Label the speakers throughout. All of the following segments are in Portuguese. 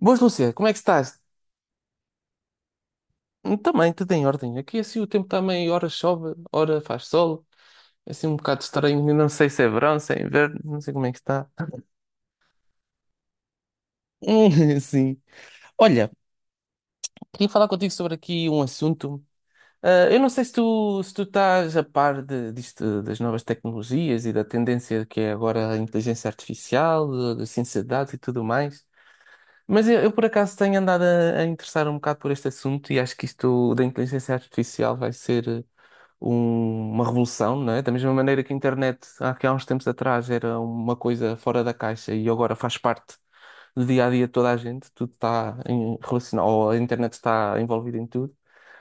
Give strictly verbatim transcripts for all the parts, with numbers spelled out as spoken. Speaker 1: Boas, Lúcia, como é que estás? Também, tudo em ordem. Aqui assim o tempo também, ora chove, ora faz sol. É assim um bocado estranho, não sei se é verão, se é inverno, não sei como é que está. Sim. Olha, queria falar contigo sobre aqui um assunto. Ah, eu não sei se tu, se tu estás a par de, disto, das novas tecnologias e da tendência que é agora a inteligência artificial, da da ciência de dados e tudo mais. Mas eu, eu, por acaso tenho andado a, a interessar um bocado por este assunto e acho que isto da inteligência artificial vai ser um- uma revolução, não é? Da mesma maneira que a internet há, que há uns tempos atrás era uma coisa fora da caixa e agora faz parte do dia a dia de toda a gente, tudo está em- relacionado, ou a internet está envolvida em tudo.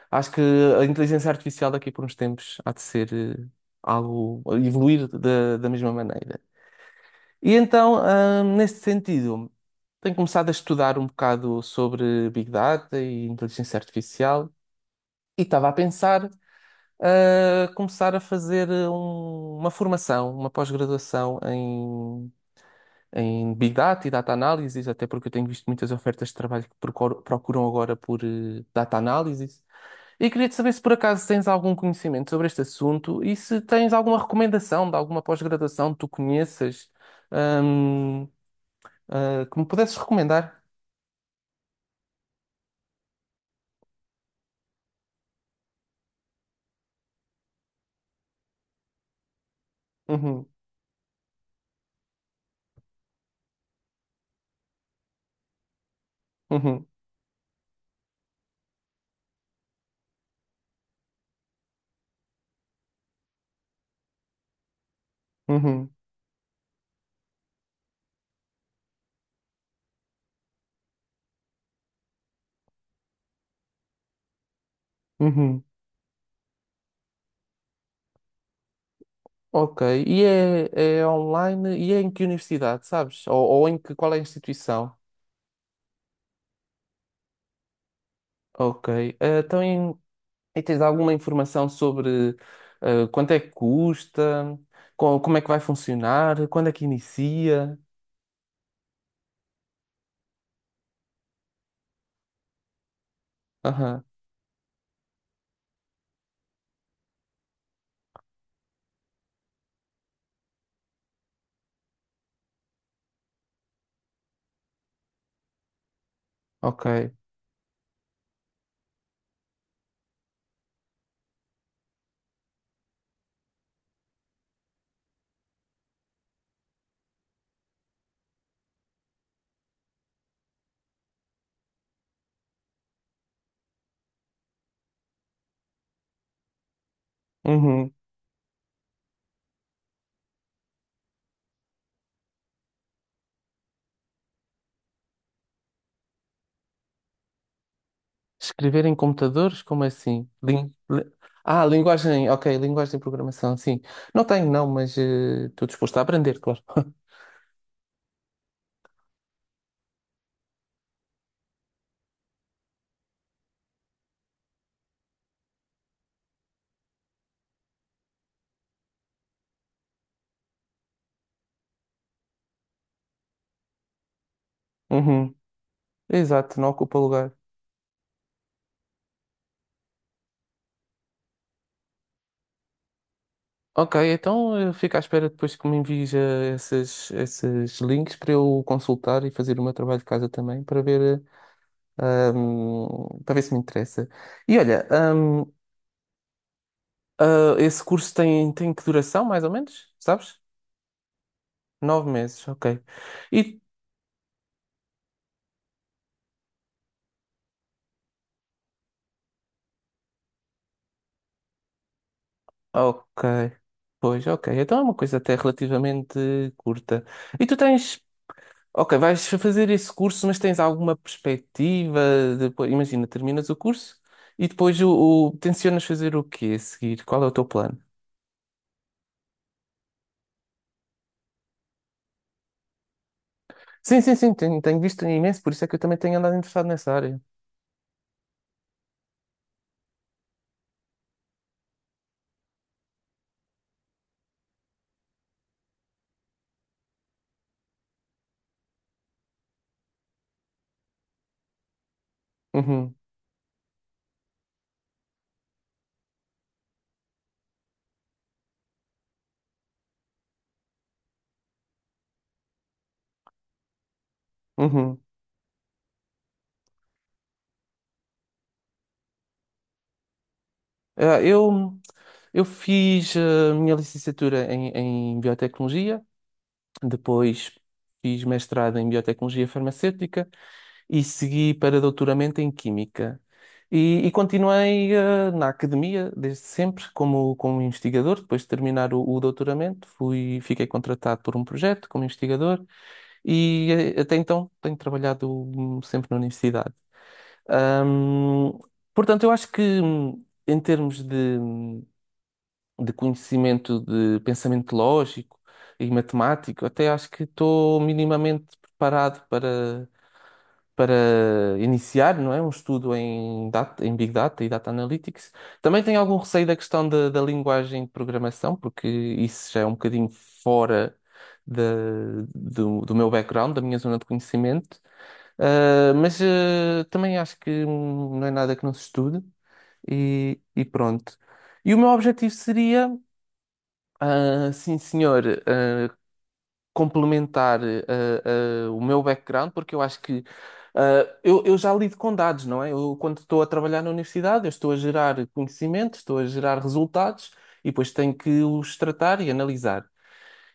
Speaker 1: Acho que a inteligência artificial daqui por uns tempos há de ser eh, algo, evoluir da, da mesma maneira. E então, ahm, nesse sentido, tenho começado a estudar um bocado sobre Big Data e inteligência artificial e estava a pensar a começar a fazer eh, um- uma formação, uma pós-graduação em, em Big Data e Data Analysis, até porque eu tenho visto muitas ofertas de trabalho que procor- procuram agora por eh, Data Analysis. E queria-te saber se por acaso tens algum conhecimento sobre este assunto e se tens alguma recomendação de alguma pós-graduação que tu conheças, hum, ah, que me pudesses recomendar. Uhum, uhum, uhum, uhum. Ok. E é, é online? E é em que universidade, sabes? Ou, ou em que, qual é a instituição? Ok. Ah, então, em- e tens alguma informação sobre ah, quanto é que custa? Co- como é que vai funcionar? Quando é que inicia? Aham. Ok. Uhum. Escrever em computadores? Como assim? Lin- li- Ah, linguagem. Ok, linguagem de programação, sim. Não tenho, não, mas eh, estou disposto a aprender, claro. Uhum. Exato, não ocupa lugar. Ok, então eu fico à espera depois que me envies eh, esses, esses links para eu consultar e fazer o meu trabalho de casa também para ver, eh, ahm, para ver se me interessa. E olha, ahm, ah, esse curso tem, tem que duração, mais ou menos? Sabes? Nove meses, ok. E, ok, pois, ok. Então é uma coisa até relativamente curta. E tu tens. Ok, vais fazer esse curso, mas tens alguma perspectiva? Depois, imagina, terminas o curso e depois o, o- tencionas fazer o quê a seguir? Qual é o teu plano? Sim, sim, sim, tenho, tenho visto imenso, por isso é que eu também tenho andado interessado nessa área. Uhum, uhum. Ah, eu, eu fiz a minha licenciatura em, em biotecnologia. Depois fiz mestrado em biotecnologia farmacêutica e segui para doutoramento em química. E, e continuei eh, na academia desde sempre como, como investigador. Depois de terminar o, o doutoramento, fui, fiquei contratado por um projeto como investigador e eh, até então tenho trabalhado hum, sempre na universidade. Hum, Portanto, eu acho que hum, em termos de, hum, de conhecimento de pensamento lógico e matemático, até acho que estou minimamente preparado para, para iniciar, não é? Um estudo em, data, em Big Data e Data Analytics. Também tenho algum receio da questão da, da linguagem de programação, porque isso já é um bocadinho fora da- do, do meu background, da minha zona de conhecimento. Ah, mas ah, também acho que hum, não é nada que não se estude e, e pronto. E o meu objetivo seria, ah, sim, senhor. Ah, complementar ah, ah, o meu background, porque eu acho que ah, eu, eu já lido com dados, não é? Eu, quando estou a trabalhar na universidade, eu estou a gerar conhecimento, estou a gerar resultados e depois tenho que os tratar e analisar.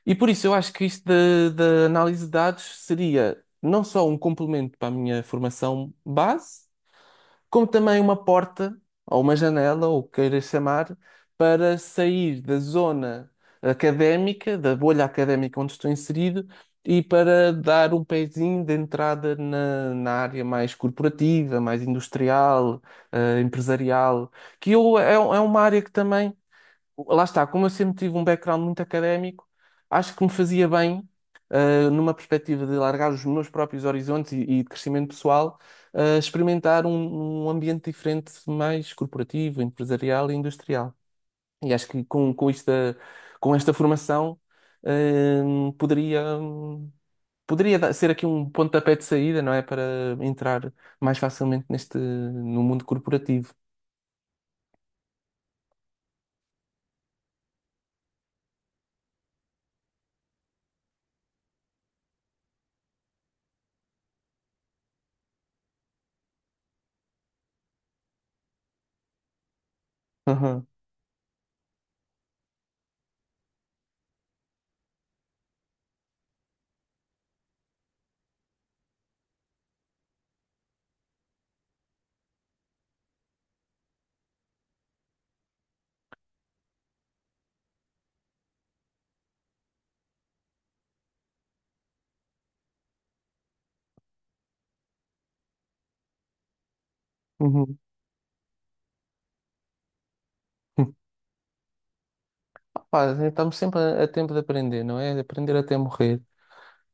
Speaker 1: E por isso eu acho que isto da da análise de dados seria não só um complemento para a minha formação base, como também uma porta ou uma janela, ou o que queiras chamar, para sair da zona académica, da bolha académica onde estou inserido, e para dar um pezinho de entrada na, na área mais corporativa, mais industrial, eh, empresarial, que eu, é, é uma área que também, lá está, como eu sempre tive um background muito académico, acho que me fazia bem, ah, numa perspectiva de largar os meus próprios horizontes e, e de crescimento pessoal, ah, experimentar um, um ambiente diferente, mais corporativo, empresarial e industrial. E acho que com, com esta, com esta formação, hum, poderia, hum, poderia dar- ser aqui um pontapé de saída, não é? Para entrar mais facilmente neste, no mundo corporativo. Aham, uhum. Pá, estamos sempre a, a tempo de aprender, não é? De aprender até morrer.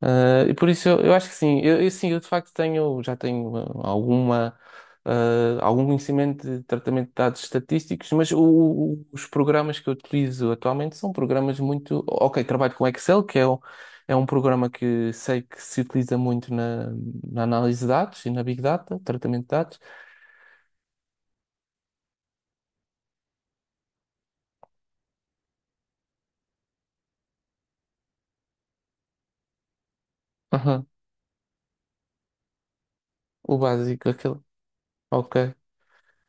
Speaker 1: Ah, e por isso eu, eu acho que sim, eu, eu sim, eu de facto tenho, já tenho ah, alguma, ah, algum conhecimento de tratamento de dados estatísticos, mas o- o- os programas que eu utilizo atualmente são programas muito. Ok, trabalho com Excel, que é, o é um programa que sei que se utiliza muito na, na análise de dados e na Big Data, tratamento de dados. Aham, o básico, aquele. Ok.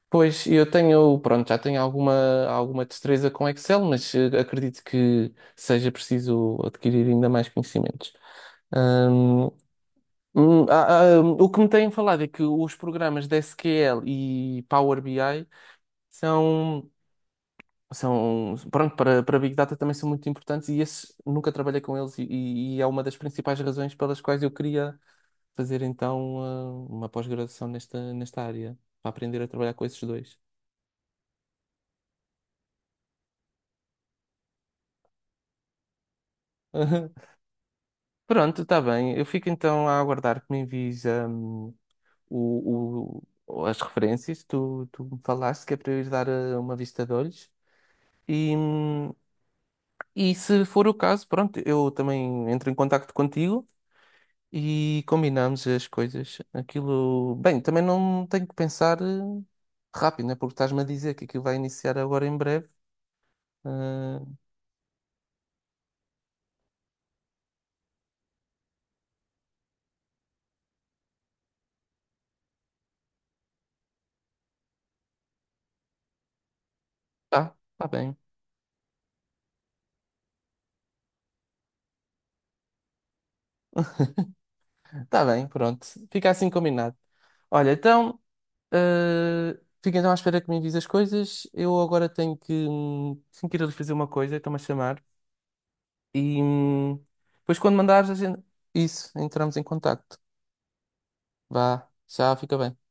Speaker 1: Pois, eu tenho, pronto, já tenho alguma, alguma destreza com Excel, mas eh, acredito que seja preciso adquirir ainda mais conhecimentos. Hum, hum, ah, ah, hum, o que me têm falado é que os programas de S Q L e Power B I são, são pronto, para, para Big Data também são muito importantes e esses nunca trabalhei com eles e, e é uma das principais razões pelas quais eu queria fazer então ah, uma pós-graduação nesta, nesta área, para aprender a trabalhar com esses dois. Pronto, está bem. Eu fico então a aguardar que me envies hum, o, o- as referências. Que Tu, tu me falaste que é para eu ir dar eh, uma vista de olhos. E, hum, e se for o caso, pronto, eu também entro em contacto contigo e combinamos as coisas. Aquilo, bem, também não tenho que pensar eh, rápido, né? Porque estás-me a dizer que aquilo vai iniciar agora em breve. Ah, tá, tá bem. Tá bem, pronto. Fica assim combinado. Olha, então, eh, fica então à espera que me envies as coisas. Eu agora tenho que, hum, tenho que ir ali fazer uma coisa, estão-me a chamar. E hum, depois quando mandares a gente... Isso, entramos em contacto. Vá, já fica bem.